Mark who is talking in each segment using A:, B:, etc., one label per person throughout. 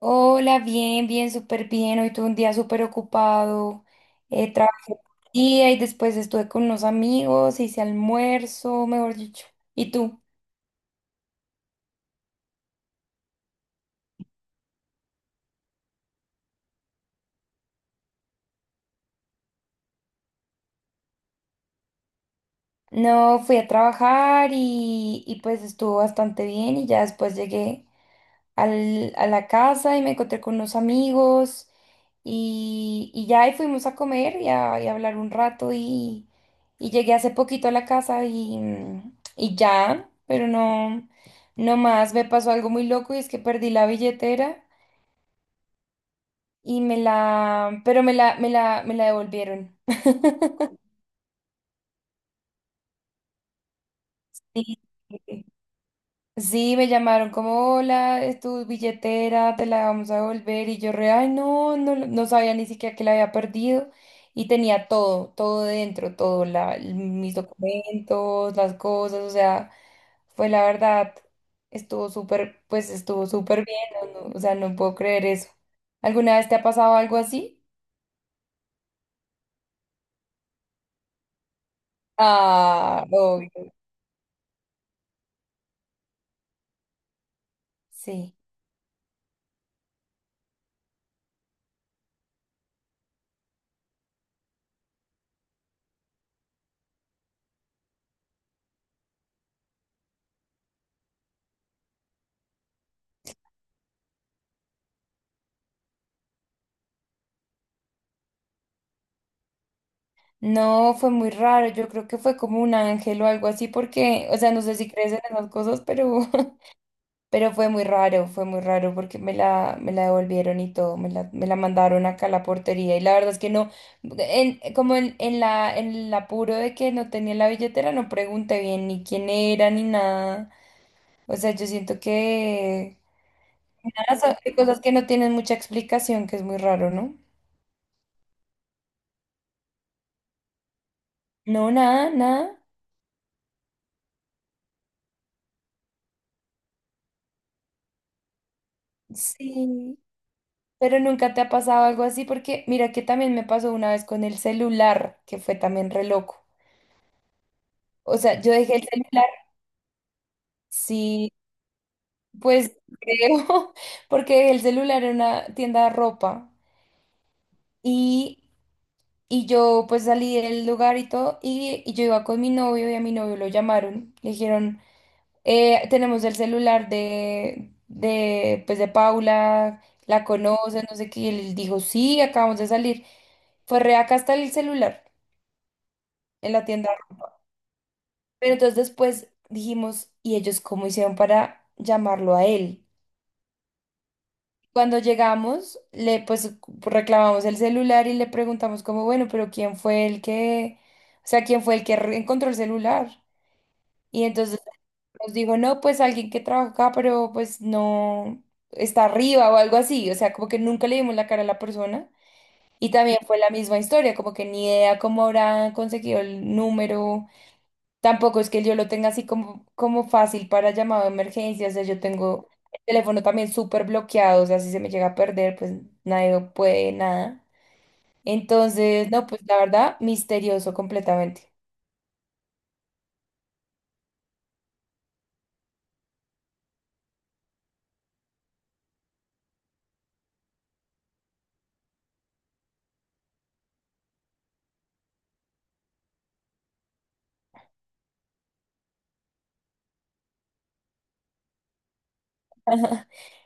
A: Hola, bien, bien, súper bien. Hoy tuve un día súper ocupado. Trabajé todo el día y después estuve con unos amigos, hice almuerzo, mejor dicho. ¿Y tú? No, fui a trabajar y pues estuvo bastante bien y ya después llegué a la casa y me encontré con unos amigos y ya y fuimos a comer y a hablar un rato y llegué hace poquito a la casa y, y ya, pero no, no más, me pasó algo muy loco y es que perdí la billetera pero me la devolvieron. Sí. Sí, me llamaron como, hola, es tu billetera, te la vamos a devolver. Y yo re, ay, no, no, no sabía ni siquiera que la había perdido. Y tenía todo, todo dentro, todo, mis documentos, las cosas, o sea, fue la verdad, estuvo súper, pues estuvo súper bien, no, o sea, no puedo creer eso. ¿Alguna vez te ha pasado algo así? Ah, obvio, sí. No, fue muy raro. Yo creo que fue como un ángel o algo así, porque, o sea, no sé si crees en esas cosas, pero pero fue muy raro porque me la devolvieron y todo, me la mandaron acá a la portería y la verdad es que no, como en el apuro de que no tenía la billetera, no pregunté bien ni quién era ni nada. O sea, yo siento que nada, son cosas que no tienen mucha explicación, que es muy raro, ¿no? No, nada, nada. Sí, pero nunca te ha pasado algo así porque mira que también me pasó una vez con el celular, que fue también re loco. O sea, yo dejé el celular. Sí, pues creo, porque el celular era una tienda de ropa y, y yo pues salí del lugar y todo y yo iba con mi novio y a mi novio lo llamaron, le dijeron, tenemos el celular pues de Paula, la conoces, no sé qué", y él dijo, sí, acabamos de salir. Fue re acá está el celular en la tienda. Pero entonces después dijimos, ¿y ellos cómo hicieron para llamarlo a él? Cuando llegamos, le pues reclamamos el celular y le preguntamos como, bueno, pero ¿quién fue el que, o sea, quién fue el que encontró el celular? Y entonces nos dijo, no, pues alguien que trabaja acá, pero pues no está arriba o algo así. O sea, como que nunca le dimos la cara a la persona. Y también fue la misma historia, como que ni idea cómo habrá conseguido el número. Tampoco es que yo lo tenga así como, como fácil para llamado de emergencia, o sea, yo tengo el teléfono también súper bloqueado, o sea, si se me llega a perder, pues nadie puede nada. Entonces, no, pues la verdad, misterioso completamente.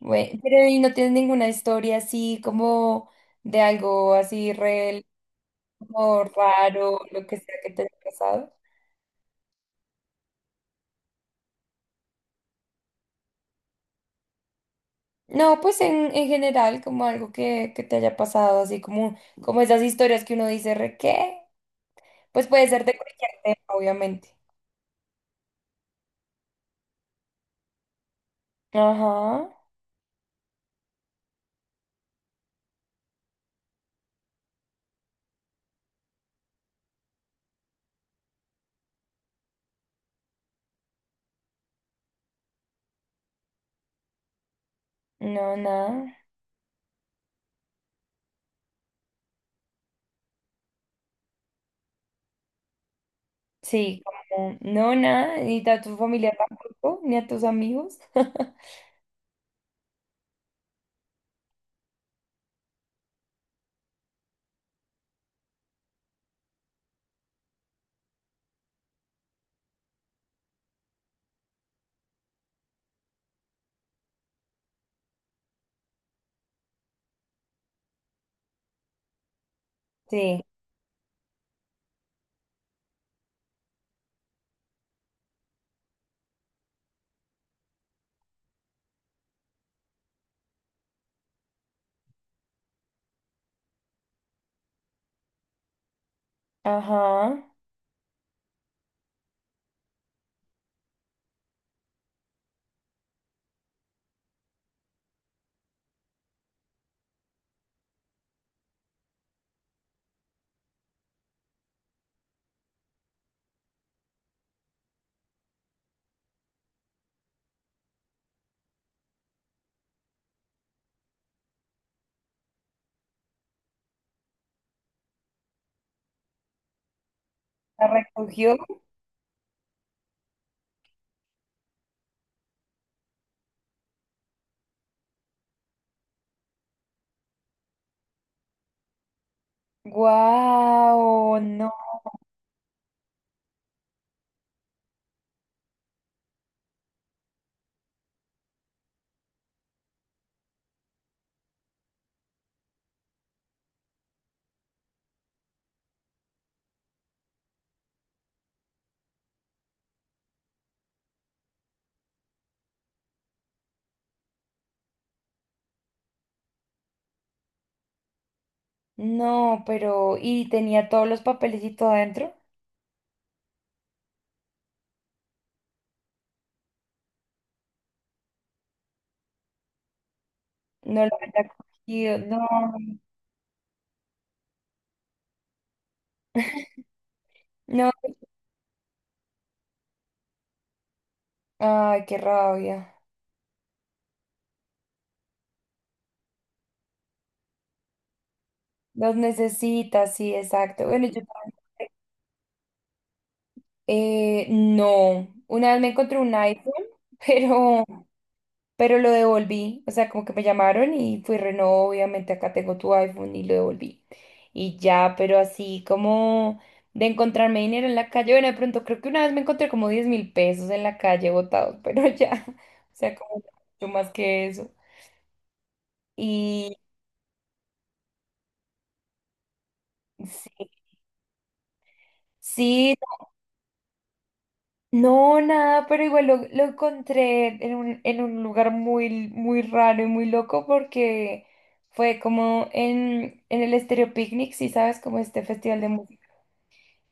A: Bueno, pero ¿y no tienes ninguna historia así como de algo así real como raro, lo que sea que te haya pasado? No, pues en general, como algo que te haya pasado, así como, como esas historias que uno dice, re, ¿qué? Pues puede ser de cualquier tema, obviamente. Ajá, no, nada. Sí, como, no, nada, ni a tu familia tampoco, ni a tus amigos. Sí, ajá. La recogió. Guau, no, no, pero, y tenía todos los papelitos adentro. No lo había cogido, no, no. Ay, qué rabia. Los necesitas, sí, exacto. Bueno, yo también, no. Una vez me encontré un iPhone, pero pero lo devolví, o sea, como que me llamaron y fui reno, obviamente acá tengo tu iPhone y lo devolví. Y ya, pero así como de encontrarme dinero en la calle, bueno, de pronto creo que una vez me encontré como 10.000 pesos en la calle botados, pero ya, o sea, como mucho más que eso. Y sí, sí, no, nada, pero igual lo encontré en un lugar muy, muy raro y muy loco porque... Fue como en el Estéreo Picnic, si sabes, como este festival de música.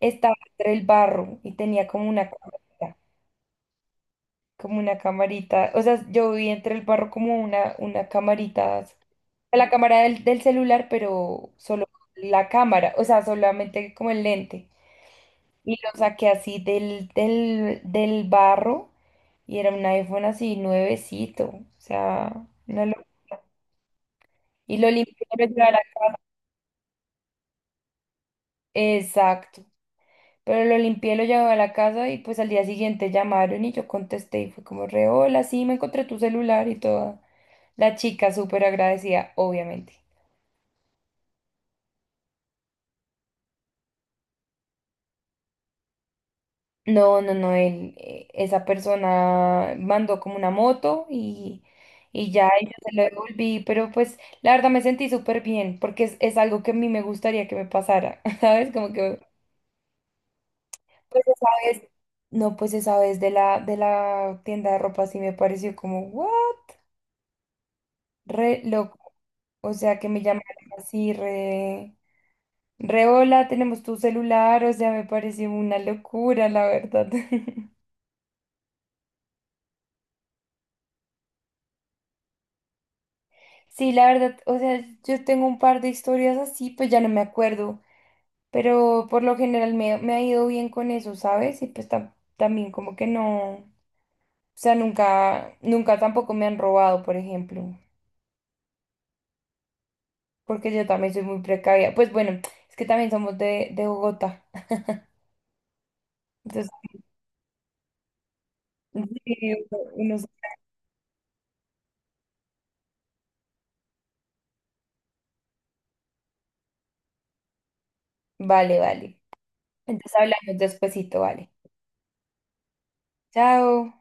A: Estaba entre el barro y tenía como una camarita, como una camarita. O sea, yo vi entre el barro como una camarita, la cámara del celular, pero solo la cámara, o sea, solamente como el lente. Y lo saqué así del barro y era un iPhone así nuevecito, o sea, y lo limpié. Exacto. Pero lo limpié, lo llevé a la casa y pues al día siguiente llamaron y yo contesté y fue como re, hola, sí, me encontré tu celular y toda. La chica súper agradecida, obviamente. No, no, no, él, esa persona mandó como una moto y ya, y yo se lo devolví, pero pues la verdad me sentí súper bien porque es algo que a mí me gustaría que me pasara, ¿sabes? Como que, pues esa vez, no, pues esa vez de la tienda de ropa sí me pareció como, ¿what? Re loco. O sea, que me llamaran así, re hola, tenemos tu celular. O sea, me pareció una locura, la verdad. Sí, la verdad, o sea, yo tengo un par de historias así, pues ya no me acuerdo. Pero por lo general me ha ido bien con eso, ¿sabes? Y pues también como que no. O sea, nunca, nunca tampoco me han robado, por ejemplo. Porque yo también soy muy precavida. Pues bueno, es que también somos de Bogotá. Entonces, unos... Vale, vale. Entonces hablamos despuesito, vale. Chao.